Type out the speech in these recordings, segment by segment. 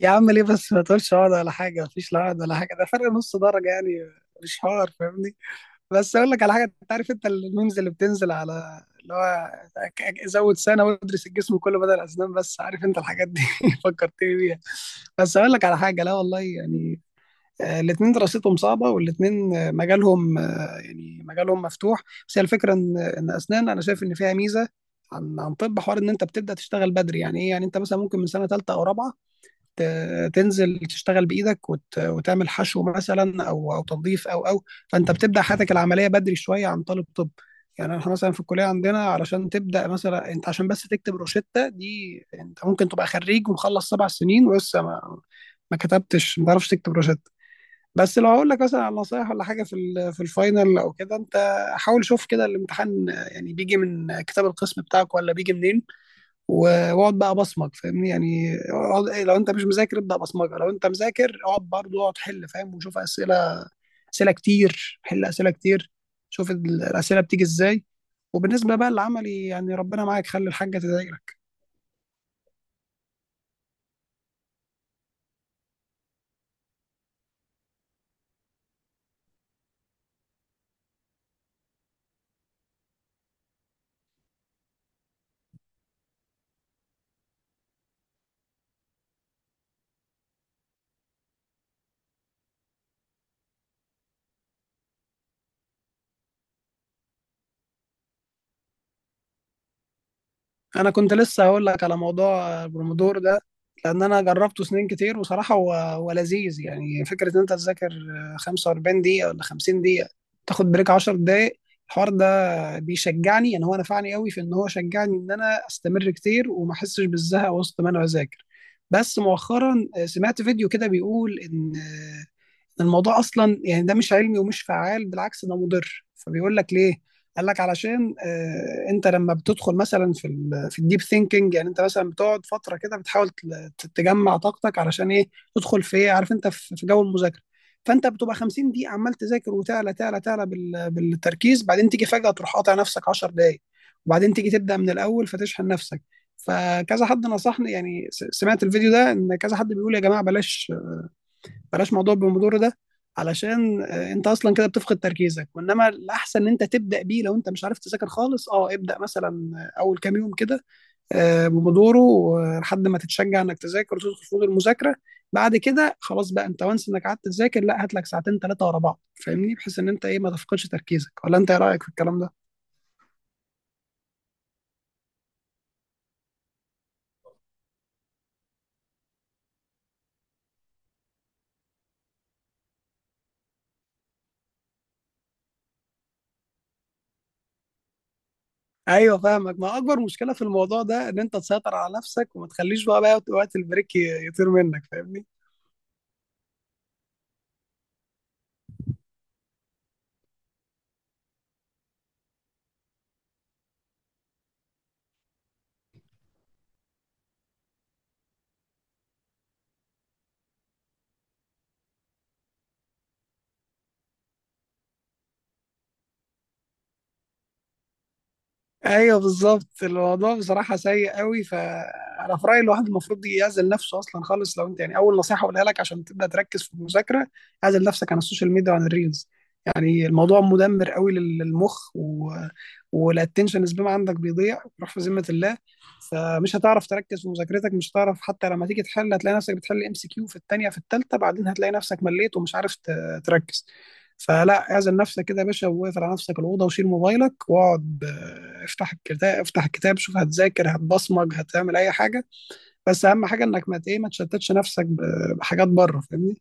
يا عم ليه بس ما تقولش عقد ولا حاجه؟ مفيش لا عقد ولا حاجه، ده فرق نص درجه يعني. مش حوار، فاهمني؟ بس اقول لك على حاجه، انت عارف انت الميمز اللي بتنزل على اللي هو زود سنه وادرس الجسم كله بدل الاسنان؟ بس عارف انت الحاجات دي فكرتني بيها. بس اقول لك على حاجه، لا والله يعني، الاتنين دراستهم صعبه والاتنين مجالهم مجالهم مفتوح. بس هي الفكره ان اسنان انا شايف ان فيها ميزه عن طب، حوار ان انت بتبدا تشتغل بدري. يعني ايه؟ يعني انت مثلا ممكن من سنه ثالثه او رابعه تنزل تشتغل بايدك وتعمل حشو مثلا او تنظيف او او فانت بتبدا حياتك العمليه بدري شويه عن طالب طب. يعني احنا مثلا في الكليه عندنا، علشان تبدا مثلا انت عشان بس تكتب روشته دي، انت ممكن تبقى خريج ومخلص 7 سنين ولسه ما كتبتش، ما تعرفش تكتب روشته. بس لو هقول لك مثلا على نصايح ولا حاجه في في الفاينل او كده، انت حاول شوف كده الامتحان، يعني بيجي من كتاب القسم بتاعك ولا بيجي منين. واقعد بقى بصمج، فاهمني؟ يعني اقعد لو انت مش مذاكر ابدا بصمجه، لو انت مذاكر اقعد برضه، اقعد حل فاهم وشوف اسئله، اسئله كتير، حل اسئله كتير، شوف الاسئله بتيجي ازاي. وبالنسبه بقى للعملي يعني ربنا معاك، خلي الحاجه تذاكرك. انا كنت لسه هقول لك على موضوع البرومودور ده، لان انا جربته سنين كتير وصراحه هو لذيذ. يعني فكره ان انت تذاكر 45 دقيقه ولا 50 دقيقه، تاخد بريك 10 دقائق. الحوار ده بيشجعني، يعني هو نفعني قوي في ان هو شجعني ان انا استمر كتير وما احسش بالزهق وسط ما انا بذاكر. بس مؤخرا سمعت فيديو كده بيقول ان الموضوع اصلا يعني ده مش علمي ومش فعال، بالعكس ده مضر. فبيقول لك ليه؟ قال لك علشان انت لما بتدخل مثلا في في الديب ثينكينج، يعني انت مثلا بتقعد فتره كده بتحاول تجمع طاقتك علشان ايه؟ تدخل في ايه؟ عارف انت في جو المذاكره. فانت بتبقى 50 دقيقه عمال تذاكر وتعلى تعلى تعلى بالتركيز، بعدين تيجي فجاه تروح قاطع نفسك 10 دقائق، وبعدين تيجي تبدا من الاول فتشحن نفسك. فكذا حد نصحني، يعني سمعت الفيديو ده ان كذا حد بيقول يا جماعه بلاش، بلاش موضوع البومودورو ده، علشان انت اصلا كده بتفقد تركيزك. وانما الاحسن ان انت تبدا بيه لو انت مش عارف تذاكر خالص، اه ابدا مثلا اول كام يوم كده بومودورو لحد ما تتشجع انك تذاكر وتدخل في مود المذاكره. بعد كده خلاص بقى، انت وانس انك قعدت تذاكر لا، هات لك ساعتين ثلاثه ورا بعض، فاهمني؟ بحيث ان انت ايه ما تفقدش تركيزك. ولا انت ايه رايك في الكلام ده؟ ايوه فاهمك، ما اكبر مشكله في الموضوع ده ان انت تسيطر على نفسك وما تخليش بقى وقت البريك يطير منك، فاهمني؟ ايوه بالظبط، الموضوع بصراحه سيء قوي. فانا في رايي الواحد المفروض يعزل نفسه اصلا خالص، لو انت يعني. اول نصيحه اقولها لك عشان تبدا تركز في المذاكره، اعزل نفسك عن السوشيال ميديا وعن الريلز. يعني الموضوع مدمر قوي للمخ والاتنشن سبان عندك بيضيع بيروح في ذمه الله. فمش هتعرف تركز في مذاكرتك، مش هتعرف حتى لما تيجي تحل هتلاقي نفسك بتحل MCQ في الثانيه في الثالثه، بعدين هتلاقي نفسك مليت ومش عارف تركز. فلا، اعزل نفسك كده يا باشا واقفل على نفسك الاوضه وشيل موبايلك واقعد، افتح الكتاب، افتح الكتاب، شوف هتذاكر هتبصمج هتعمل اي حاجه، بس اهم حاجه انك ما ت- ايه ما تشتتش نفسك بحاجات بره، فاهمني؟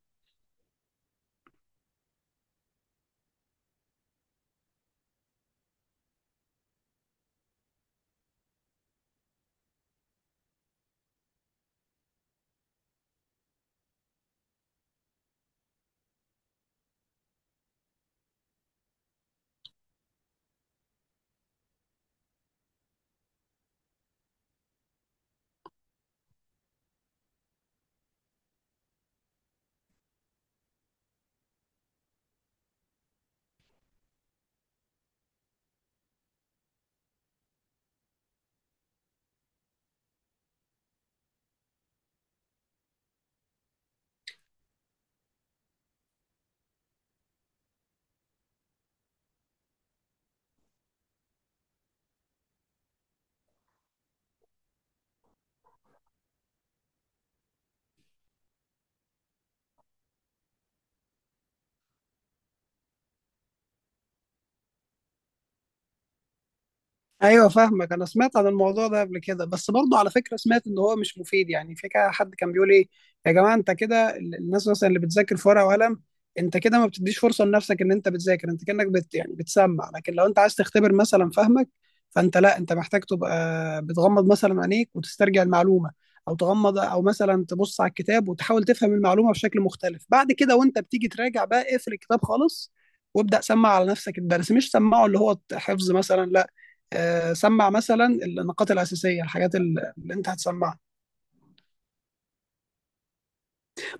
ايوه فاهمك. انا سمعت عن الموضوع ده قبل كده، بس برضه على فكره سمعت ان هو مش مفيد. يعني في كده حد كان بيقول ايه، يا جماعه انت كده الناس مثلا اللي بتذاكر في ورقه وقلم، انت كده ما بتديش فرصه لنفسك ان انت بتذاكر. انت كانك يعني بتسمع، لكن لو انت عايز تختبر مثلا فهمك، فانت لا، انت محتاج تبقى بتغمض مثلا عينيك وتسترجع المعلومه. او تغمض او مثلا تبص على الكتاب وتحاول تفهم المعلومه بشكل مختلف. بعد كده وانت بتيجي تراجع بقى، اقفل الكتاب خالص وابدا سمع على نفسك الدرس، مش سمعه اللي هو حفظ مثلا لا، سمع مثلا النقاط الاساسيه، الحاجات اللي انت هتسمعها.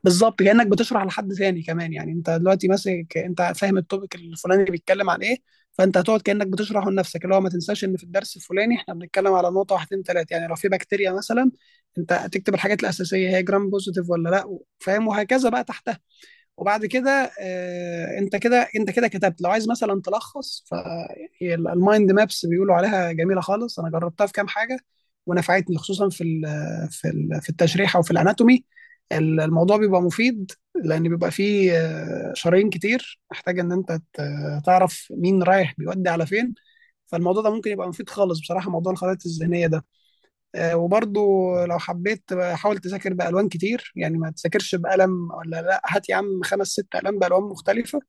بالظبط كانك بتشرح لحد ثاني كمان، يعني انت دلوقتي ماسك انت فاهم التوبيك الفلاني بيتكلم عن ايه، فانت هتقعد كانك بتشرحه لنفسك اللي هو ما تنساش ان في الدرس الفلاني احنا بنتكلم على نقطه واحدين ثلاثه. يعني لو في بكتيريا مثلا، انت هتكتب الحاجات الاساسيه هي جرام بوزيتيف ولا لا، فاهم؟ وهكذا بقى تحت. وبعد كده انت كده كتبت، لو عايز مثلا تلخص، فالمايند مابس بيقولوا عليها جميله خالص، انا جربتها في كام حاجه ونفعتني خصوصا في في في التشريح او في الاناتومي. الموضوع بيبقى مفيد، لان بيبقى فيه شرايين كتير محتاج ان انت تعرف مين رايح بيودي على فين. فالموضوع ده ممكن يبقى مفيد خالص بصراحه، موضوع الخرائط الذهنيه ده. وبرضو لو حبيت بقى حاول تذاكر بألوان كتير، يعني ما تذاكرش بقلم ولا لا، هات يا عم خمس ست ألوان بألوان مختلفة.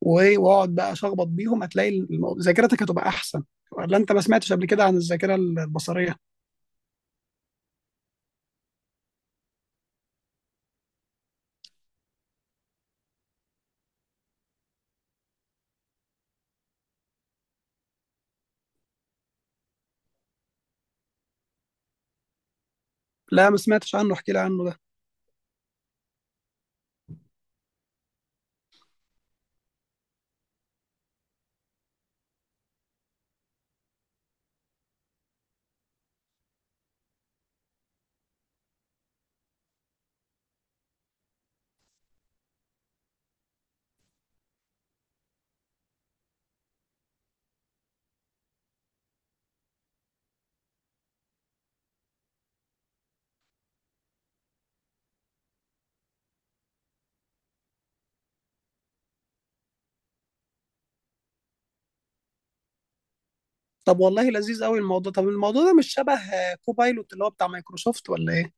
واقعد بقى شخبط بيهم، هتلاقي ذاكرتك هتبقى أحسن. ولا أنت ما سمعتش قبل كده عن الذاكرة البصرية؟ لا ما سمعتش عنه، احكي لي عنه ده. طب والله لذيذ قوي الموضوع. طب الموضوع ده مش شبه كوبايلوت اللي هو بتاع مايكروسوفت، ولا إيه؟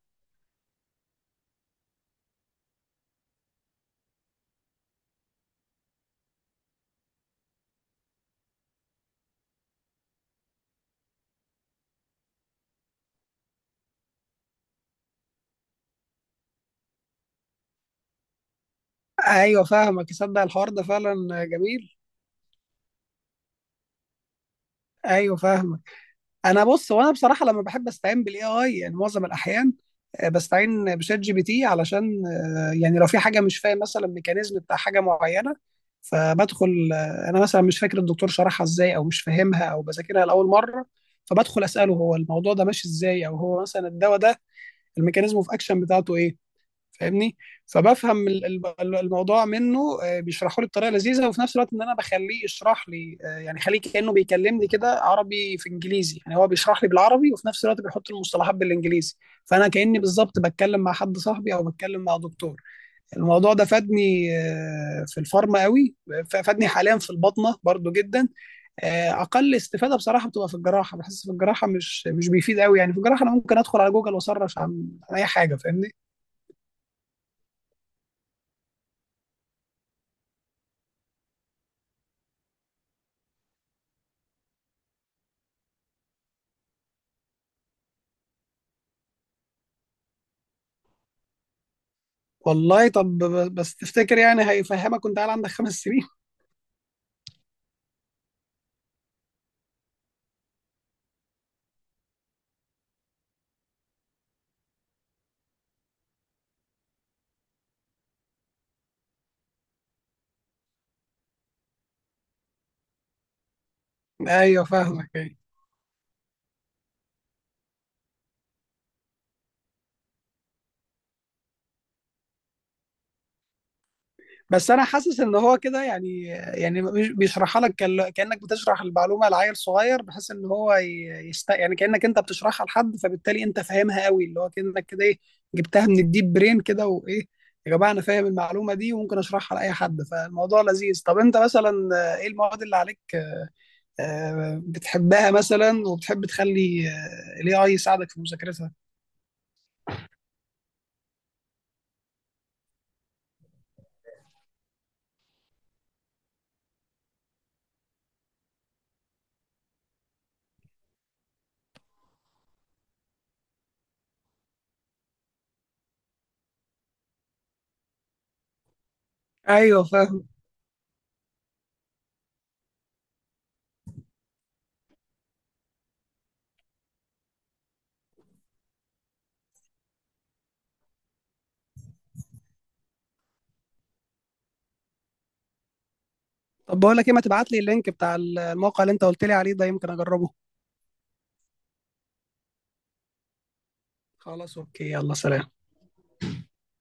ايوه فاهمك، تصدق الحوار ده فعلا جميل. ايوه فاهمك. انا بص، وانا بصراحه لما بحب استعين بالاي اي يعني، معظم الاحيان بستعين بشات جي بي تي علشان يعني لو في حاجه مش فاهم مثلا ميكانيزم بتاع حاجه معينه، فبدخل انا مثلا مش فاكر الدكتور شرحها ازاي او مش فاهمها او بذاكرها لاول مره، فبدخل اساله هو الموضوع ده ماشي ازاي، او هو مثلا الدواء ده الميكانيزم اوف اكشن بتاعته ايه، فاهمني؟ فبفهم الموضوع منه، بيشرحه لي بطريقه لذيذه. وفي نفس الوقت ان انا بخليه يشرح لي، يعني خليه كانه بيكلمني كده عربي في انجليزي، يعني هو بيشرح لي بالعربي وفي نفس الوقت بيحط المصطلحات بالانجليزي. فانا كاني بالظبط بتكلم مع حد صاحبي او بتكلم مع دكتور. الموضوع ده فادني في الفارما قوي، فادني حاليا في البطنه برضو جدا. اقل استفاده بصراحه بتبقى في الجراحه، بحس في الجراحه مش بيفيد قوي، يعني في الجراحه انا ممكن ادخل على جوجل واسرش عن اي حاجه، فاهمني؟ والله طب بس تفتكر يعني هيفهمك وانت قاعد عندك 5 سنين؟ ايوه فاهمك يعني، بس انا حاسس ان هو كده يعني بيشرحها لك كانك بتشرح المعلومه لعيل صغير، بحيث ان هو يست، يعني كانك انت بتشرحها لحد، فبالتالي انت فاهمها قوي. اللي هو كانك كده ايه، جبتها من الديب برين كده، وايه يا جماعه انا فاهم المعلومه دي وممكن اشرحها لاي حد. فالموضوع لذيذ. طب انت مثلا ايه المواد اللي عليك بتحبها مثلا وبتحب تخلي الاي اي يساعدك في مذاكرتها؟ ايوه. طب بقول لك ايه، ما تبعت لي اللينك بتاع الموقع اللي انت قلت لي عليه ده، يمكن اجربه. خلاص، اوكي، يلا سلام.